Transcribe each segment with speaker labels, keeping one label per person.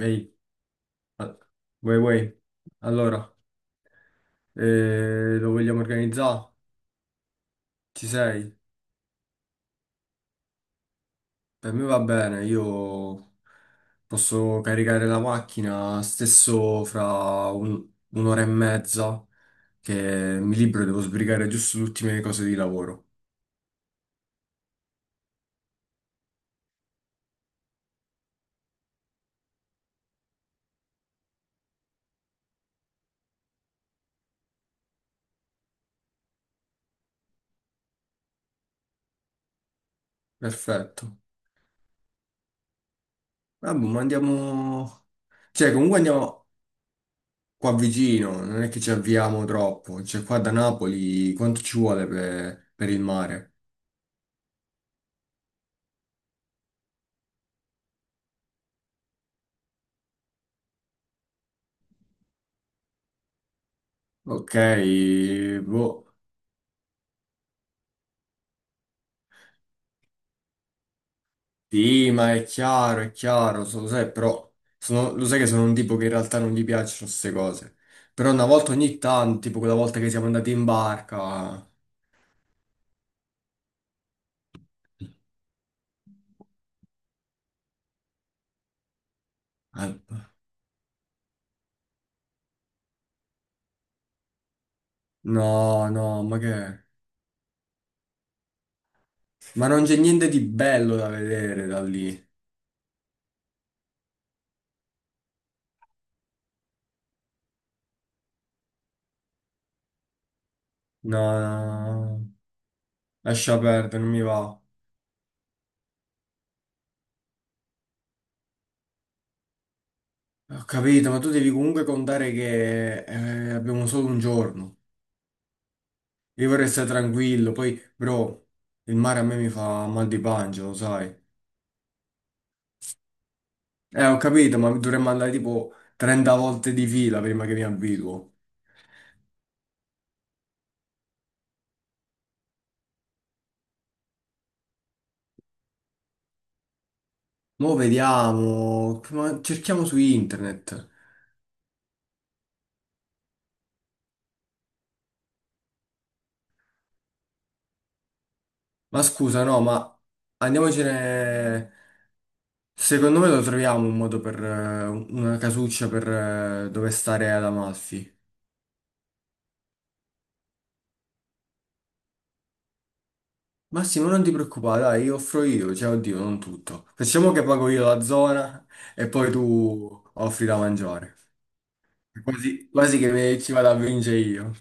Speaker 1: Ehi, a- vuoi? Allora, lo vogliamo organizzare? Ci sei? Per me va bene, io posso caricare la macchina stesso fra un'ora e mezza, che mi libero, devo sbrigare giusto le ultime cose di lavoro. Perfetto. Vabbè, ma andiamo... Cioè, comunque andiamo qua vicino, non è che ci avviamo troppo. Cioè, qua da Napoli quanto ci vuole per il mare? Ok, boh. Sì, ma è chiaro, lo sai, però lo sai che sono un tipo che in realtà non gli piacciono queste cose. Però una volta ogni tanto, tipo quella volta che siamo andati in barca. al- No, no, ma che è? Ma non c'è niente di bello da vedere da lì. No, no, no, lascia perdere, non mi va. Ho capito, ma tu devi comunque contare che abbiamo solo un giorno. Io vorrei stare tranquillo, poi, bro, il mare a me mi fa mal di pancia, lo sai. Ho capito, ma dovremmo andare tipo 30 volte di fila prima che mi abituo. Mo' vediamo, ma cerchiamo su internet. Ma scusa, no, ma andiamocene. Secondo me lo troviamo un modo per una casuccia per dove stare ad Amalfi. Massimo, non ti preoccupare, dai, io offro io, cioè, oddio, non tutto. Facciamo che pago io la zona e poi tu offri da mangiare. Quasi, quasi che ci vado a vincere io.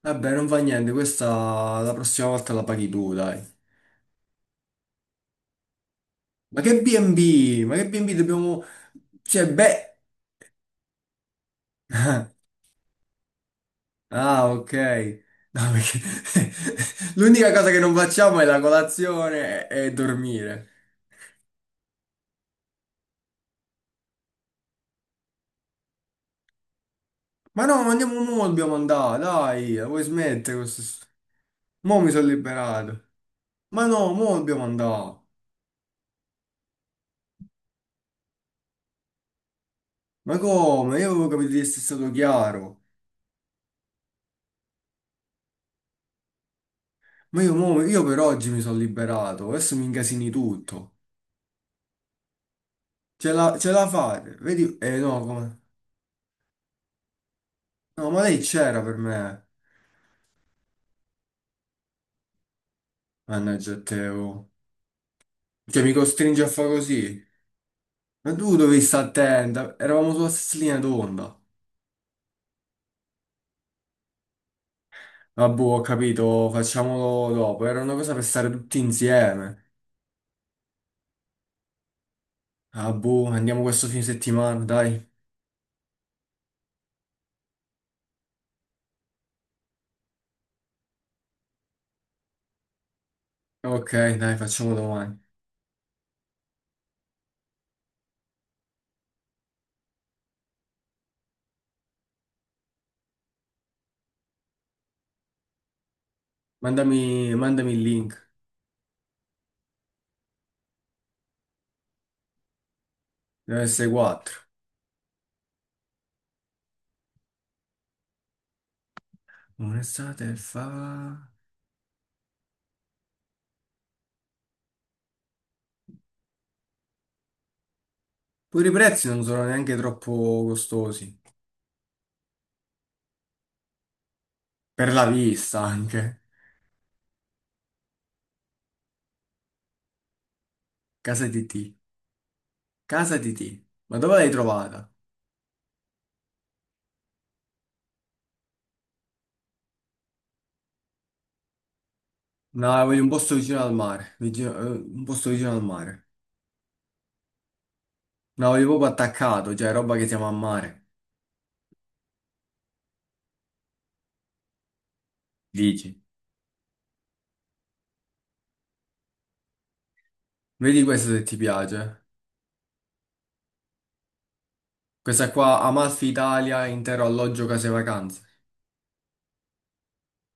Speaker 1: Vabbè, non fa niente, questa la prossima volta la paghi tu, dai. Ma che B&B? Ma che B&B dobbiamo... Cioè, beh... Ah, ok. No, perché... L'unica cosa che non facciamo è la colazione e dormire. Ma no, ma andiamo mo, dobbiamo andare, dai, la vuoi smettere questo... Mo mi sono liberato. Ma no, mo dobbiamo andare. Ma come? Io avevo capito di essere stato chiaro. Ma io, io per oggi mi sono liberato, adesso mi incasini tutto. Ce la fate, vedi? Eh no, no, ma lei c'era per me, mannaggia a te, oh. Cioè mi costringe a fare così. Ma tu dovevi stare attenta, eravamo sulla stessa linea d'onda. Ah boh, ho capito, facciamolo dopo, era una cosa per stare tutti insieme. Ah boh, andiamo questo fine settimana, dai. Ok, dai, facciamo domani. Mandami, mandami il link, deve essere 4. Un'estate fa... Pure i prezzi non sono neanche troppo costosi. Per la vista anche. Casa di T. Casa di T. Ma dove l'hai trovata? No, voglio un posto vicino al mare. Un posto vicino al mare. No, voglio proprio attaccato, cioè roba che siamo a mare. Dici. Vedi questo se ti piace. Questa qua, Amalfi Italia, intero alloggio, case e vacanze.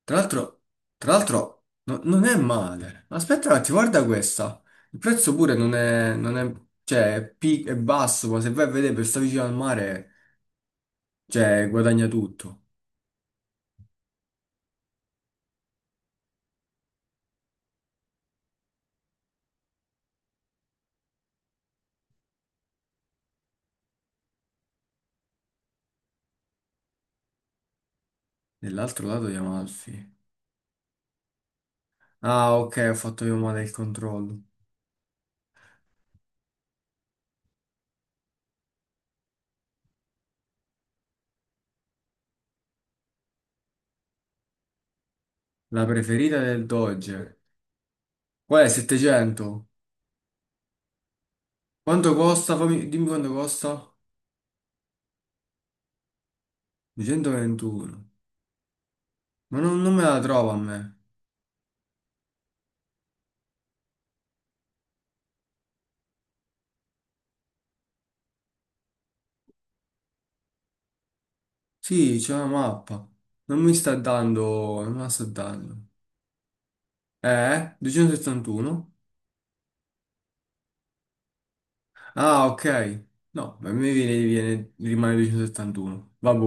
Speaker 1: Tra l'altro, tra l'altro, non è male. Aspetta un attimo, guarda questa. Il prezzo pure non è, non è, cioè, è, è basso, ma se vai a vedere per stare vicino al mare, cioè, guadagna tutto. Nell'altro lato di Amalfi. Ah, ok, ho fatto io male il controllo. La preferita del Dodge. Qual è? 700? Quanto costa? Dimmi quanto costa. 221. Ma non, non me la trovo a me. Sì, c'è una mappa. Non mi sta dando... Non me la sta dando. Eh? 271? Ah, ok. No, a me viene, rimane 271. Vabbè.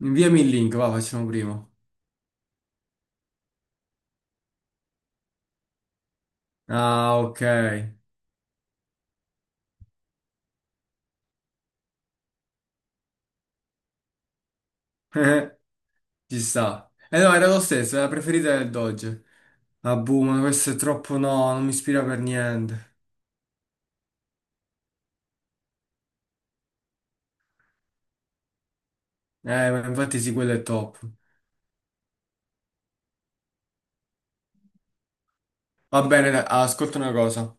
Speaker 1: Inviami il link, va, facciamo prima. Ah, ok. Ci sta. E no, era lo stesso, era la preferita del Dodge. Ah, boh, ma questo è troppo no, non mi ispira per niente. Ma infatti sì, quello è top. Va bene, dai, ah, ascolta una cosa.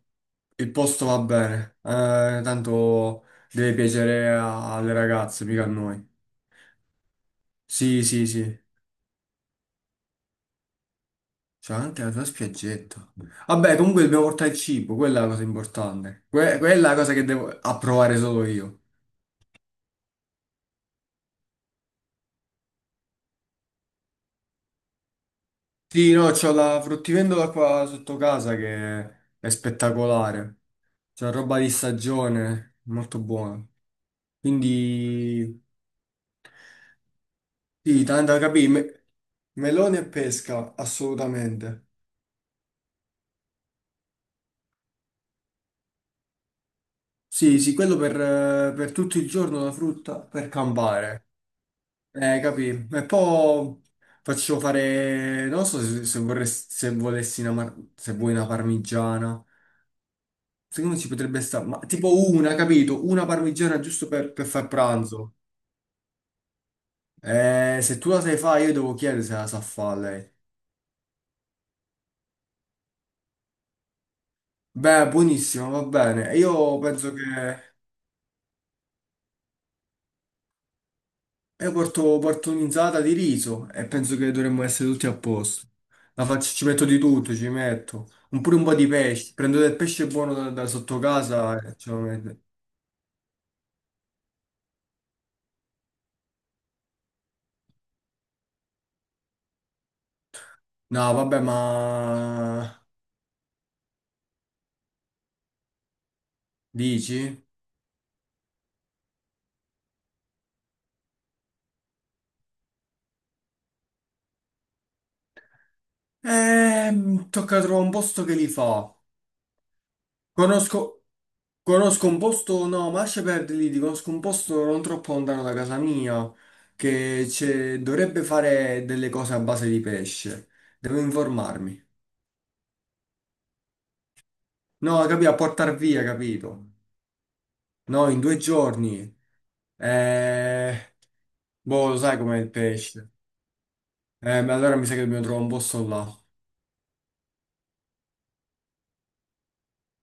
Speaker 1: Il posto va bene. Tanto deve piacere alle ragazze, mica a noi. Sì, sì, sì. C'è anche la tua spiaggetta. Vabbè, comunque dobbiamo portare il cibo, quella è la cosa importante. Quella è la cosa che devo approvare solo io. Sì, no, c'ho la fruttivendola qua sotto casa che è spettacolare. C'è roba di stagione, molto buona. Quindi sì, tanto da capire, melone e pesca, assolutamente. Sì, sì, quello per tutto il giorno la frutta, per campare. Capì? E poi faccio fare, non so se, se vorresti, se volessi una, se vuoi una parmigiana. Secondo me ci potrebbe stare, ma tipo una, capito? Una parmigiana giusto per far pranzo. Se tu la sai fare, io devo chiedere se la sa fare lei. Beh, buonissimo, va bene. Io penso che io porto, porto un'insalata di riso e penso che dovremmo essere tutti a posto. La faccio, ci metto di tutto, ci metto un, pure un po' di pesce. Prendo del pesce buono da, da sotto casa e ce lo metto. No, vabbè, ma dici? Tocca trovare un posto che li fa. Conosco, conosco un posto, no, ma lascia perdere lì, ti conosco un posto non troppo lontano da casa mia che dovrebbe fare delle cose a base di pesce. Devo informarmi. No, capito, a portar via, capito? No, in due giorni. Eh, boh, lo sai com'è il pesce. Ma allora mi sa che dobbiamo trovare un posto là.